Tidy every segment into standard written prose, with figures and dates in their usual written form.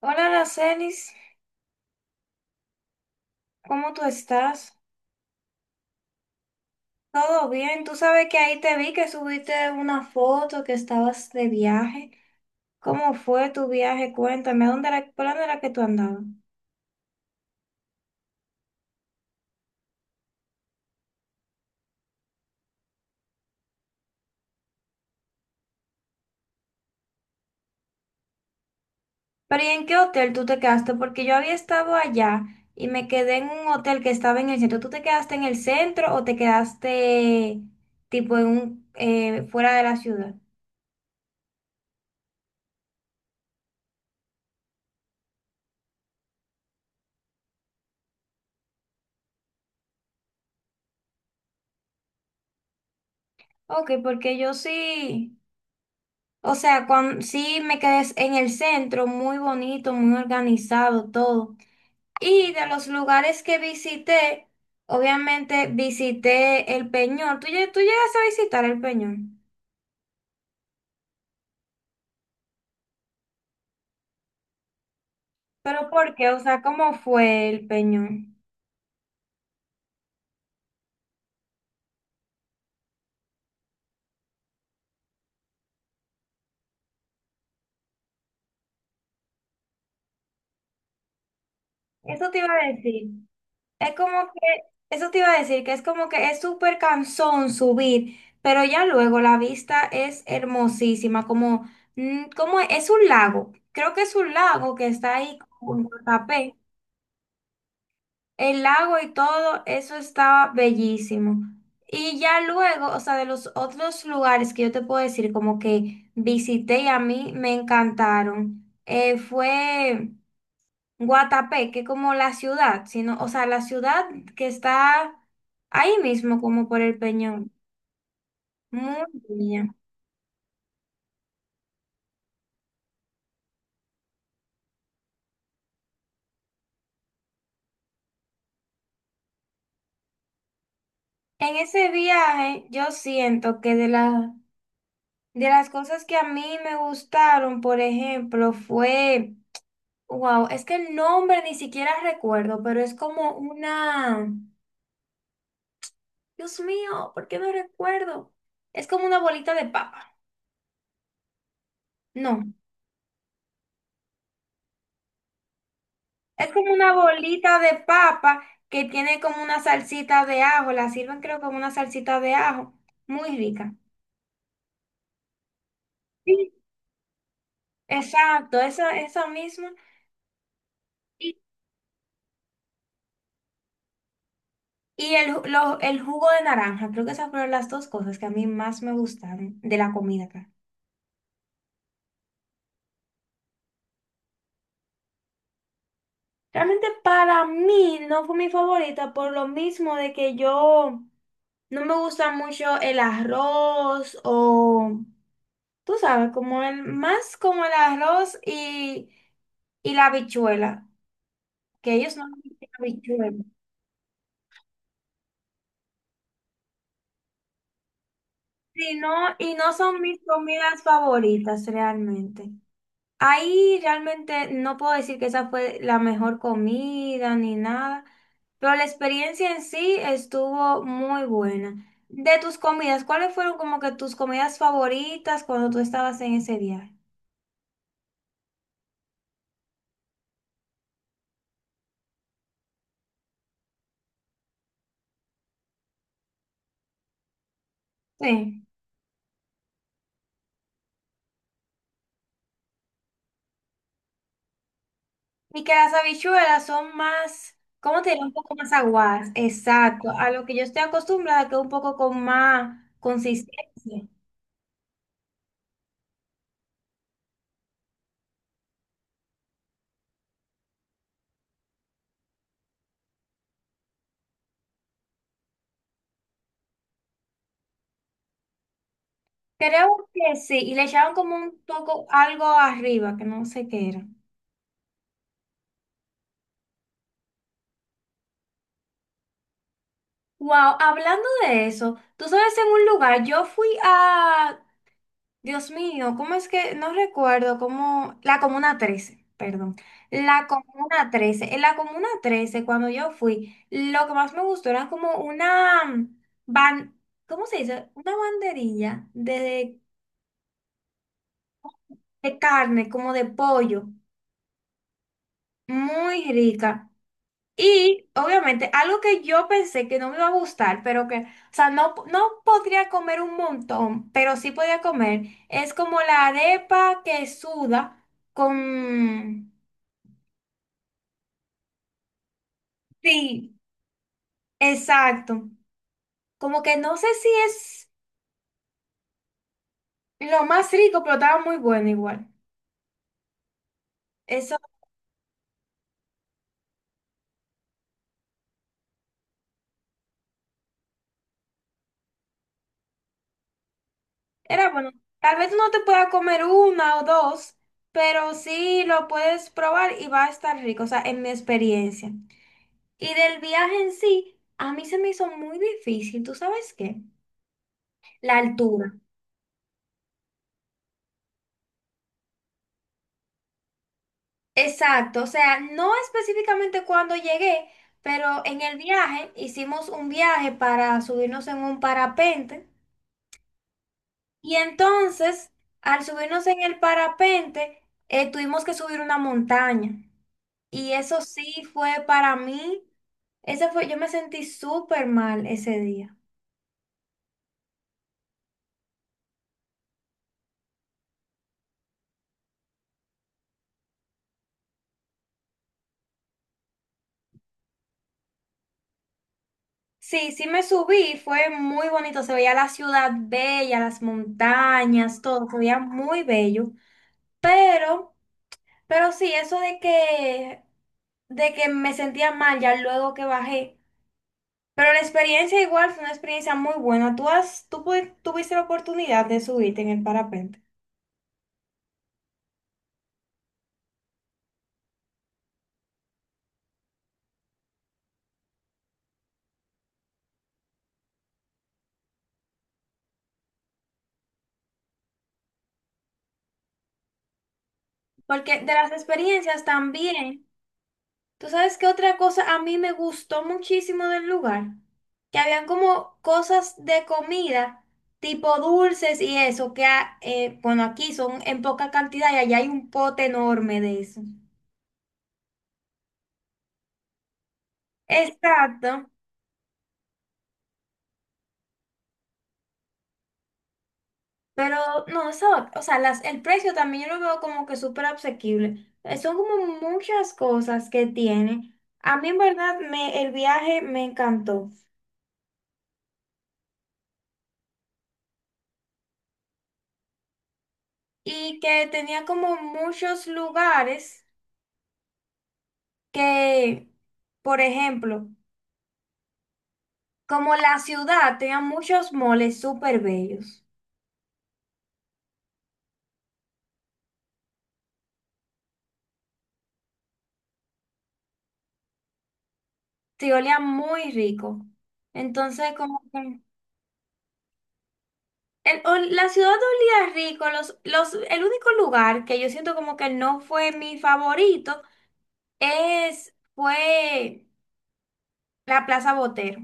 Hola, Aracelis, ¿cómo tú estás? ¿Todo bien? Tú sabes que ahí te vi que subiste una foto que estabas de viaje. ¿Cómo fue tu viaje? Cuéntame, ¿a dónde era, por dónde era que tú andabas? Pero ¿y en qué hotel tú te quedaste? Porque yo había estado allá y me quedé en un hotel que estaba en el centro. ¿Tú te quedaste en el centro o te quedaste tipo en un fuera de la ciudad? Ok, porque yo sí. O sea, cuando, sí me quedé en el centro, muy bonito, muy organizado, todo. Y de los lugares que visité, obviamente visité el Peñón. ¿Tú, tú llegaste a visitar el Peñón? ¿Pero por qué? O sea, ¿cómo fue el Peñón? Eso te iba a decir. Es como que, eso te iba a decir, que es como que es súper cansón subir, pero ya luego la vista es hermosísima, como, mm, como es un lago. Creo que es un lago que está ahí como en Guatapé. El lago y todo, eso estaba bellísimo. Y ya luego, o sea, de los otros lugares que yo te puedo decir, como que visité y a mí me encantaron, fue Guatapé, que como la ciudad, sino, o sea, la ciudad que está ahí mismo, como por el Peñón. Muy bien. En ese viaje, yo siento que de las cosas que a mí me gustaron, por ejemplo, fue... Wow, es que el nombre ni siquiera recuerdo, pero es como una... Dios mío, ¿por qué no recuerdo? Es como una bolita de papa. No, es como una bolita de papa que tiene como una salsita de ajo. La sirven creo como una salsita de ajo. Muy rica. Sí. Exacto, esa misma. Y, el jugo de naranja. Creo que esas fueron las dos cosas que a mí más me gustaron de la comida. Realmente para mí no fue mi favorita por lo mismo de que yo no me gusta mucho el arroz o, tú sabes, como el, más como el arroz y la habichuela, que ellos no me dicen habichuela. Sí, no, y no son mis comidas favoritas realmente. Ahí realmente no puedo decir que esa fue la mejor comida ni nada, pero la experiencia en sí estuvo muy buena. De tus comidas, ¿cuáles fueron como que tus comidas favoritas cuando tú estabas en ese viaje? Sí. Y que las habichuelas son más, ¿cómo te diré? Un poco más aguadas. Exacto, a lo que yo estoy acostumbrada, que es un poco con más consistencia. Creo que sí, y le echaban como un poco algo arriba, que no sé qué era. Wow, hablando de eso, tú sabes, en un lugar, yo fui a... Dios mío, ¿cómo es que? No recuerdo, cómo, la Comuna Trece, perdón, la Comuna Trece. En la Comuna Trece cuando yo fui, lo que más me gustó era como una, mm, ban, ¿cómo se dice? Una banderilla de carne, como de pollo, muy rica. Y obviamente algo que yo pensé que no me iba a gustar, pero que, o sea, no, no podría comer un montón, pero sí podría comer, es como la arepa que suda con... Sí, exacto. Como que no sé si es lo más rico, pero estaba muy bueno igual. Eso era bueno. Tal vez no te pueda comer una o dos, pero sí lo puedes probar y va a estar rico, o sea, en mi experiencia. Y del viaje en sí, a mí se me hizo muy difícil, ¿tú sabes qué? La altura. Exacto, o sea, no específicamente cuando llegué, pero en el viaje hicimos un viaje para subirnos en un parapente y entonces al subirnos en el parapente tuvimos que subir una montaña y eso sí fue para mí, ese fue, yo me sentí súper mal ese día. Sí, sí me subí, fue muy bonito, se veía la ciudad bella, las montañas, todo, se veía muy bello, pero, pero sí, eso de que me sentía mal ya luego que bajé, pero la experiencia igual fue una experiencia muy buena, tú has, tú pu- tuviste la oportunidad de subirte en el parapente. Porque de las experiencias también, tú sabes que otra cosa a mí me gustó muchísimo del lugar, que habían como cosas de comida, tipo dulces y eso, bueno, aquí son en poca cantidad y allá hay un pote enorme de eso. Exacto, pero no, eso, o sea, las, el precio también yo lo veo como que súper asequible. Son como muchas cosas que tiene. A mí en verdad me, el viaje me encantó. Y que tenía como muchos lugares que, por ejemplo, como la ciudad tenía muchos moles súper bellos, sí, olía muy rico. Entonces, como que o la ciudad olía rico, los, el único lugar que yo siento como que no fue mi favorito es, fue la Plaza Botero.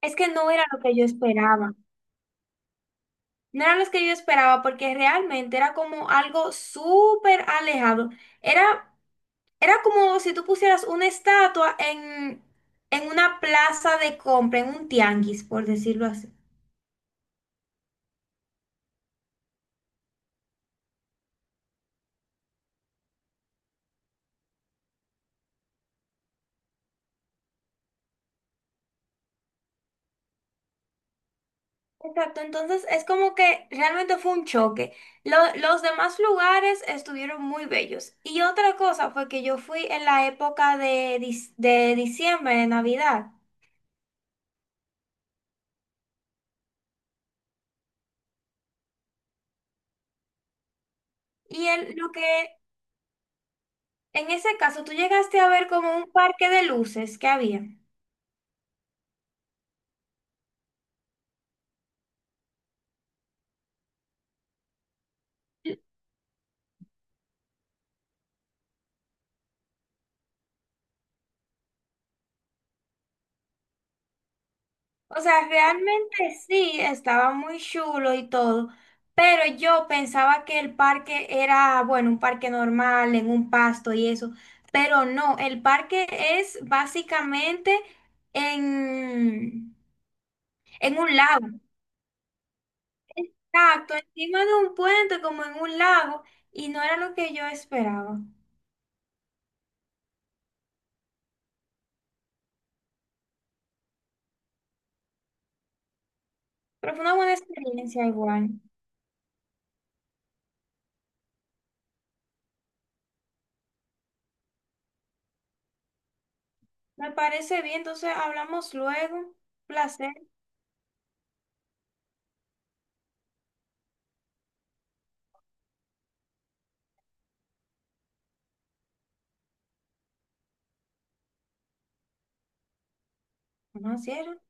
Es que no era lo que yo esperaba. No eran los que yo esperaba porque realmente era como algo súper alejado. Era, era como si tú pusieras una estatua en una plaza de compra, en un tianguis, por decirlo así. Exacto, entonces es como que realmente fue un choque. Los demás lugares estuvieron muy bellos. Y otra cosa fue que yo fui en la época de, de diciembre, de Navidad. Y el, lo que en ese caso tú llegaste a ver como un parque de luces que había. O sea, realmente sí, estaba muy chulo y todo, pero yo pensaba que el parque era, bueno, un parque normal, en un pasto y eso, pero no, el parque es básicamente en, en un lago. Exacto, encima de un puente como en un lago y no era lo que yo esperaba. Pero fue una buena experiencia igual. Me parece bien, entonces hablamos luego. Placer. No, cierre.